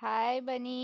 हाय Bunny.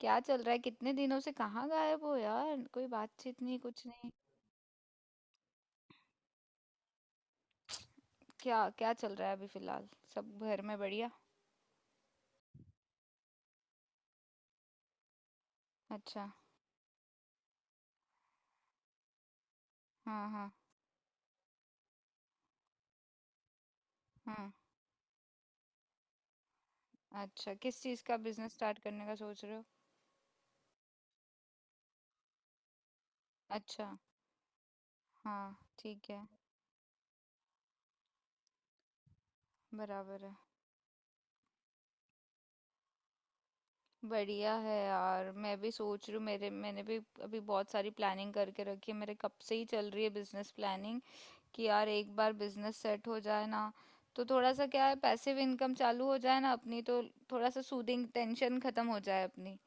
क्या चल रहा है? कितने दिनों से कहाँ गायब हो यार? कोई बातचीत नहीं, कुछ नहीं। क्या क्या चल रहा है अभी फिलहाल? सब घर में बढ़िया? अच्छा। हाँ, हाँ, हाँ। अच्छा, किस चीज़ का बिजनेस स्टार्ट करने का सोच रहे हो? अच्छा। हाँ। ठीक है। बराबर है। बढ़िया है यार। मैं भी सोच रही हूँ। मेरे मैंने भी अभी बहुत सारी प्लानिंग करके रखी है। मेरे कब से ही चल रही है बिजनेस प्लानिंग कि यार एक बार बिजनेस सेट हो जाए ना, तो थोड़ा सा क्या है, पैसिव इनकम चालू हो जाए ना अपनी तो। थोड़ा सा सूदिंग, टेंशन खत्म हो जाए अपनी,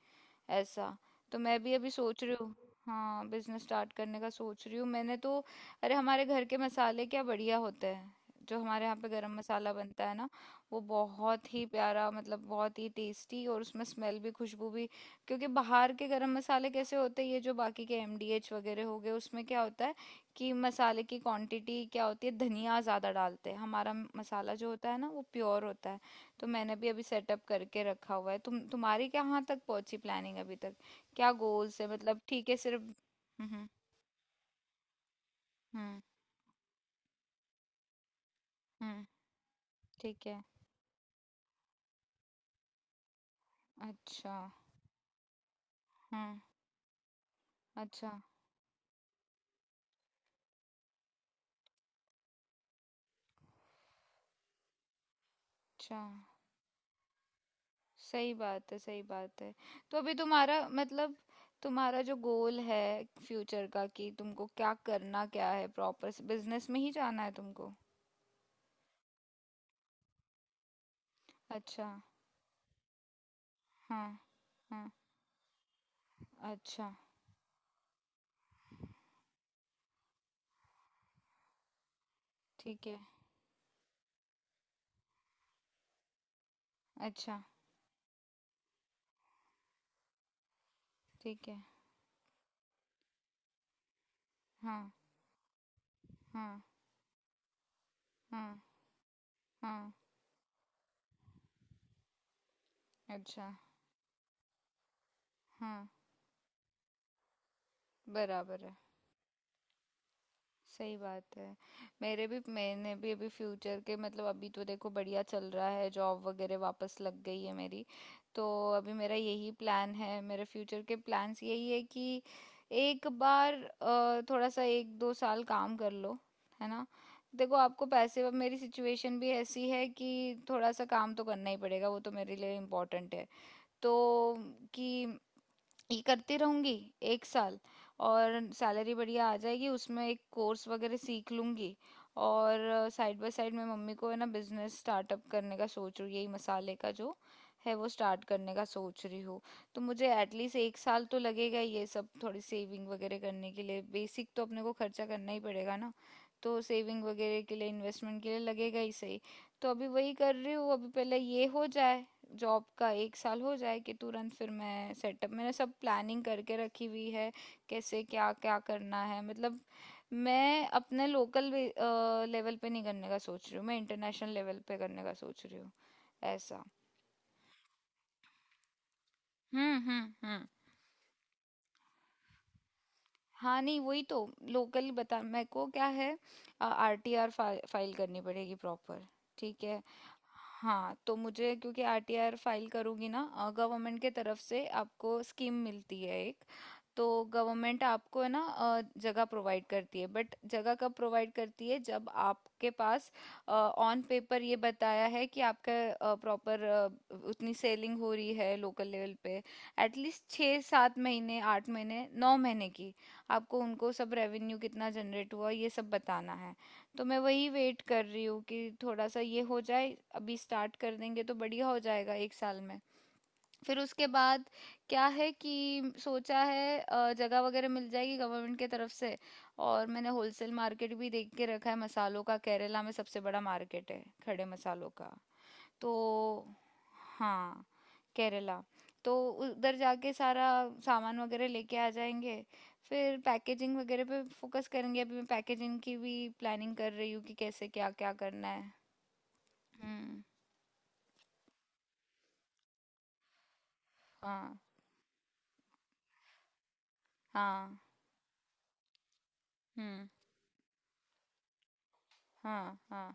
ऐसा। तो मैं भी अभी सोच रही हूँ। हाँ, बिजनेस स्टार्ट करने का सोच रही हूँ मैंने तो। अरे हमारे घर के मसाले क्या बढ़िया होते हैं! जो हमारे यहाँ पे गरम मसाला बनता है ना, वो बहुत ही प्यारा, मतलब बहुत ही टेस्टी, और उसमें स्मेल भी, खुशबू भी। क्योंकि बाहर के गरम मसाले कैसे होते हैं, ये जो बाकी के एमडीएच वगैरह हो गए, उसमें क्या होता है कि मसाले की क्वांटिटी क्या होती है, धनिया ज़्यादा डालते हैं। हमारा मसाला जो होता है ना, वो प्योर होता है। तो मैंने भी अभी सेटअप करके रखा हुआ है। तुम्हारी कहाँ तक पहुंची प्लानिंग अभी तक, क्या गोल्स है मतलब? ठीक है। सिर्फ हम्म, हम्म हम्म, ठीक है। अच्छा। हम्म। अच्छा। अच्छा, सही बात है, सही बात है। तो अभी तुम्हारा मतलब, तुम्हारा जो गोल है फ्यूचर का, कि तुमको क्या करना क्या है, प्रॉपर बिजनेस में ही जाना है तुमको? अच्छा। हाँ, हाँ। अच्छा। ठीक है। अच्छा। ठीक है। हाँ। हाँ। हाँ। हाँ। अच्छा। हाँ, बराबर है। सही बात है। मेरे भी मैंने भी अभी फ्यूचर के मतलब, अभी तो देखो बढ़िया चल रहा है, जॉब वगैरह वापस लग गई है मेरी। तो अभी मेरा यही प्लान है, मेरे फ्यूचर के प्लान्स यही है कि एक बार थोड़ा सा 1 2 साल काम कर लो, है ना। देखो आपको पैसे, अब मेरी सिचुएशन भी ऐसी है कि थोड़ा सा काम तो करना ही पड़ेगा, वो तो मेरे लिए इम्पोर्टेंट है। तो कि ये करती रहूँगी 1 साल, और सैलरी बढ़िया आ जाएगी उसमें, एक कोर्स वगैरह सीख लूँगी। और साइड बाय साइड मैं मम्मी को, है ना, बिजनेस स्टार्टअप करने का सोच रही हूँ। यही मसाले का जो है वो स्टार्ट करने का सोच रही हूँ। तो मुझे एटलीस्ट 1 साल तो लगेगा ये सब, थोड़ी सेविंग वगैरह करने के लिए। बेसिक तो अपने को खर्चा करना ही पड़ेगा ना, तो सेविंग वगैरह के लिए, इन्वेस्टमेंट के लिए लगेगा ही सही। तो अभी वही कर रही हूँ। अभी पहले ये हो जाए, जॉब का 1 साल हो जाए, कि तुरंत फिर मैं सेटअप, मैंने सब प्लानिंग करके रखी हुई है, कैसे क्या क्या करना है मतलब। मैं अपने लोकल लेवल पे नहीं करने का सोच रही हूँ, मैं इंटरनेशनल लेवल पे करने का सोच रही हूँ, ऐसा। हम्म। हाँ, नहीं, वही तो। लोकल बता, मेरे को क्या है। आरटीआर फाइल करनी पड़ेगी प्रॉपर, ठीक है। हाँ, तो मुझे, क्योंकि आरटीआर फाइल करूँगी ना, गवर्नमेंट के तरफ से आपको स्कीम मिलती है एक। तो गवर्नमेंट आपको, है ना, जगह प्रोवाइड करती है। बट जगह कब प्रोवाइड करती है, जब आपके पास ऑन पेपर ये बताया है कि आपका प्रॉपर उतनी सेलिंग हो रही है लोकल लेवल पे, एटलीस्ट 6 7 महीने 8 महीने 9 महीने की। आपको उनको सब रेवेन्यू कितना जनरेट हुआ, ये सब बताना है। तो मैं वही वेट कर रही हूँ कि थोड़ा सा ये हो जाए, अभी स्टार्ट कर देंगे तो बढ़िया हो जाएगा, 1 साल में। फिर उसके बाद क्या है कि सोचा है जगह वगैरह मिल जाएगी गवर्नमेंट के तरफ से। और मैंने होलसेल मार्केट भी देख के रखा है मसालों का। केरला में सबसे बड़ा मार्केट है खड़े मसालों का। तो हाँ। केरला, तो उधर जाके सारा सामान वगैरह लेके आ जाएंगे। फिर पैकेजिंग वगैरह पे फोकस करेंगे। अभी मैं पैकेजिंग की भी प्लानिंग कर रही हूँ कि कैसे क्या क्या करना है। हम्म। हाँ, हाँ। हम्म। हाँ, हाँ,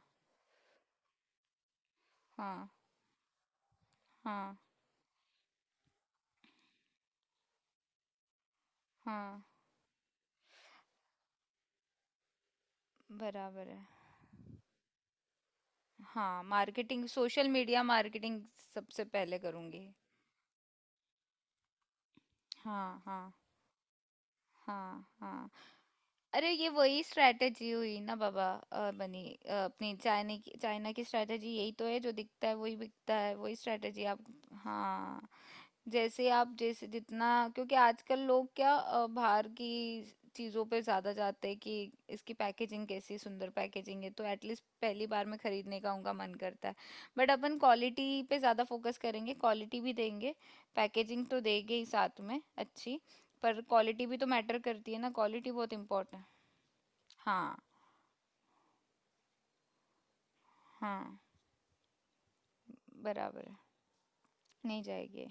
हाँ, हाँ, हाँ, बराबर है। हाँ मार्केटिंग, सोशल मीडिया मार्केटिंग सबसे पहले करूँगी। हाँ, हाँ, हाँ, हाँ। अरे ये वही स्ट्रैटेजी हुई ना बाबा, बनी, अपनी चाइना की, चाइना की स्ट्रैटेजी यही तो है, जो दिखता है वही बिकता है, वही स्ट्रैटेजी आप। हाँ, जैसे आप, जैसे जितना, क्योंकि आजकल लोग क्या, बाहर की चीज़ों पे ज़्यादा जाते हैं कि इसकी पैकेजिंग कैसी, सुंदर पैकेजिंग है तो एटलीस्ट पहली बार में खरीदने का उनका मन करता है। बट अपन क्वालिटी पे ज़्यादा फोकस करेंगे, क्वालिटी भी देंगे, पैकेजिंग तो देंगे ही साथ में अच्छी, पर क्वालिटी भी तो मैटर करती है ना, क्वालिटी बहुत इम्पोर्टेंट है। हाँ, हाँ, बराबर है। नहीं जाएगी।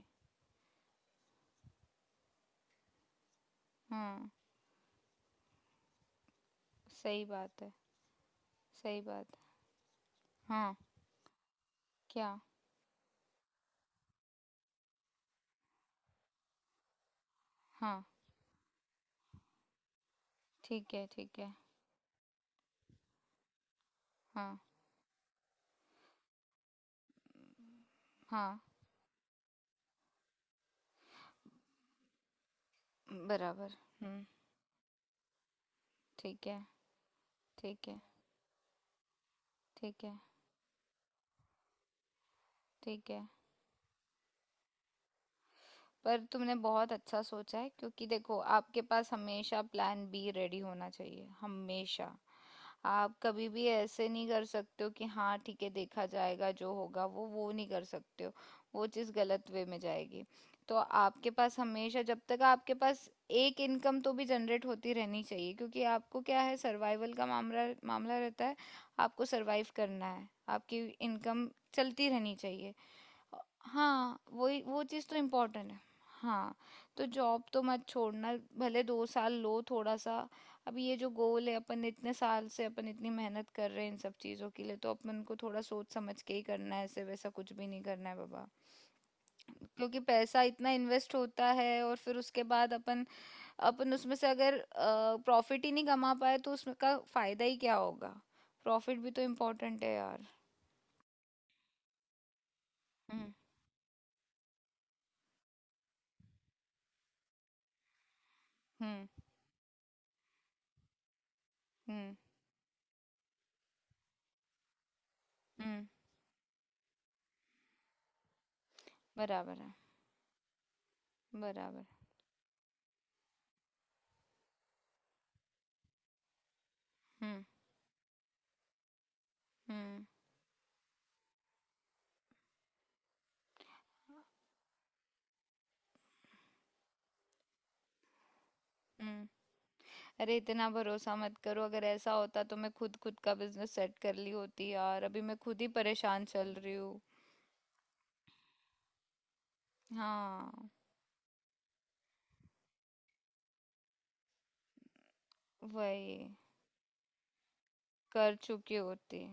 हाँ, सही बात है, सही बात है। हाँ। क्या? हाँ। ठीक है, ठीक है। हाँ। हाँ, बराबर। हम्म, ठीक है, ठीक है, ठीक है, ठीक है। पर तुमने बहुत अच्छा सोचा है, क्योंकि देखो आपके पास हमेशा प्लान B रेडी होना चाहिए हमेशा। आप कभी भी ऐसे नहीं कर सकते हो कि हाँ ठीक है देखा जाएगा, जो होगा वो नहीं कर सकते हो, वो चीज़ गलत वे में जाएगी। तो आपके पास हमेशा, जब तक आपके पास एक इनकम तो भी जनरेट होती रहनी चाहिए, क्योंकि आपको क्या है, सर्वाइवल का मामला मामला रहता है। आपको सरवाइव करना है, आपकी इनकम चलती रहनी चाहिए। हाँ, वही, वो चीज़ तो इम्पोर्टेंट है। हाँ। तो जॉब तो मत छोड़ना, भले 2 साल लो थोड़ा सा। अब ये जो गोल है, अपन इतने साल से अपन इतनी मेहनत कर रहे हैं इन सब चीज़ों के लिए, तो अपन को थोड़ा सोच समझ के ही करना है, ऐसे वैसा कुछ भी नहीं करना है बाबा। क्योंकि पैसा इतना इन्वेस्ट होता है, और फिर उसके बाद अपन, अपन उसमें से अगर प्रॉफिट ही नहीं कमा पाए तो उसमें का फायदा ही क्या होगा? प्रॉफिट भी तो इम्पोर्टेंट है यार। हम्म, हम्म, हम्म, हम्म, बराबर है, बराबर। हुँ, हुँ, हुँ। अरे इतना भरोसा मत करो। अगर ऐसा होता तो मैं खुद खुद का बिजनेस सेट कर ली होती यार। अभी मैं खुद ही परेशान चल रही हूँ। हाँ, वही, कर चुकी होती,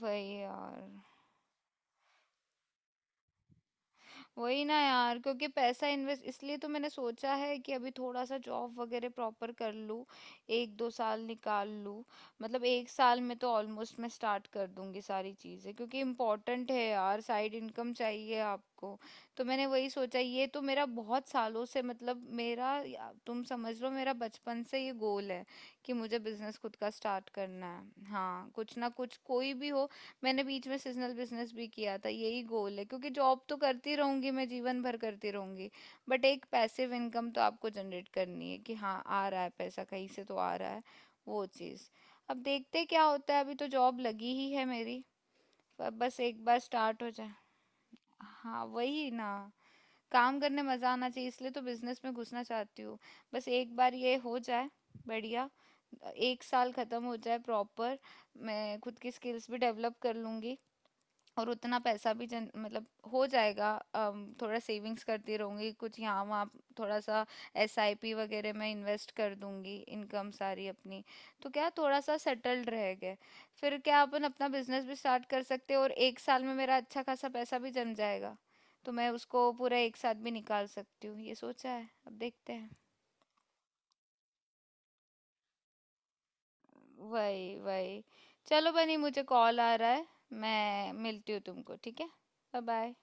वही यार, वही ना यार, क्योंकि पैसा इन्वेस्ट, इसलिए तो मैंने सोचा है कि अभी थोड़ा सा जॉब वगैरह प्रॉपर कर लूँ, 1 2 साल निकाल लूँ। मतलब 1 साल में तो ऑलमोस्ट मैं स्टार्ट कर दूंगी सारी चीज़ें, क्योंकि इम्पोर्टेंट है यार, साइड इनकम चाहिए आपको। तो मैंने वही सोचा, ये तो मेरा बहुत सालों से, मतलब मेरा, तुम समझ लो मेरा बचपन से ये गोल है कि मुझे बिजनेस खुद का स्टार्ट करना है, हाँ, कुछ ना कुछ, कोई भी हो। मैंने बीच में सीजनल बिजनेस भी किया था, यही गोल है, क्योंकि जॉब तो करती रहूंगी, मैं जीवन भर करती रहूंगी। बट एक पैसिव इनकम तो आपको जनरेट करनी है, कि हाँ आ रहा है पैसा कहीं से तो आ रहा है। वो चीज़। अब देखते हैं क्या होता है, अभी तो जॉब लगी ही है मेरी, पर बस एक बार स्टार्ट हो जाए। हाँ, वही ना, काम करने मजा आना चाहिए, इसलिए तो बिजनेस में घुसना चाहती हूँ। बस एक बार ये हो जाए, बढ़िया, 1 साल खत्म हो जाए प्रॉपर। मैं खुद की स्किल्स भी डेवलप कर लूंगी, और उतना पैसा भी जन मतलब हो जाएगा। थोड़ा सेविंग्स करती रहूंगी कुछ यहाँ वहाँ, थोड़ा सा एसआईपी वगैरह में इन्वेस्ट कर दूंगी इनकम सारी अपनी। तो क्या, थोड़ा सा सेटल्ड रह गए, फिर क्या अपन अपना बिजनेस भी स्टार्ट कर सकते हैं, और 1 साल में मेरा अच्छा खासा पैसा भी जम जाएगा, तो मैं उसको पूरा एक साथ भी निकाल सकती हूँ। ये सोचा है, अब देखते हैं। वही, वही। चलो बनी, मुझे कॉल आ रहा है, मैं मिलती हूँ तुमको, ठीक है। Bye bye.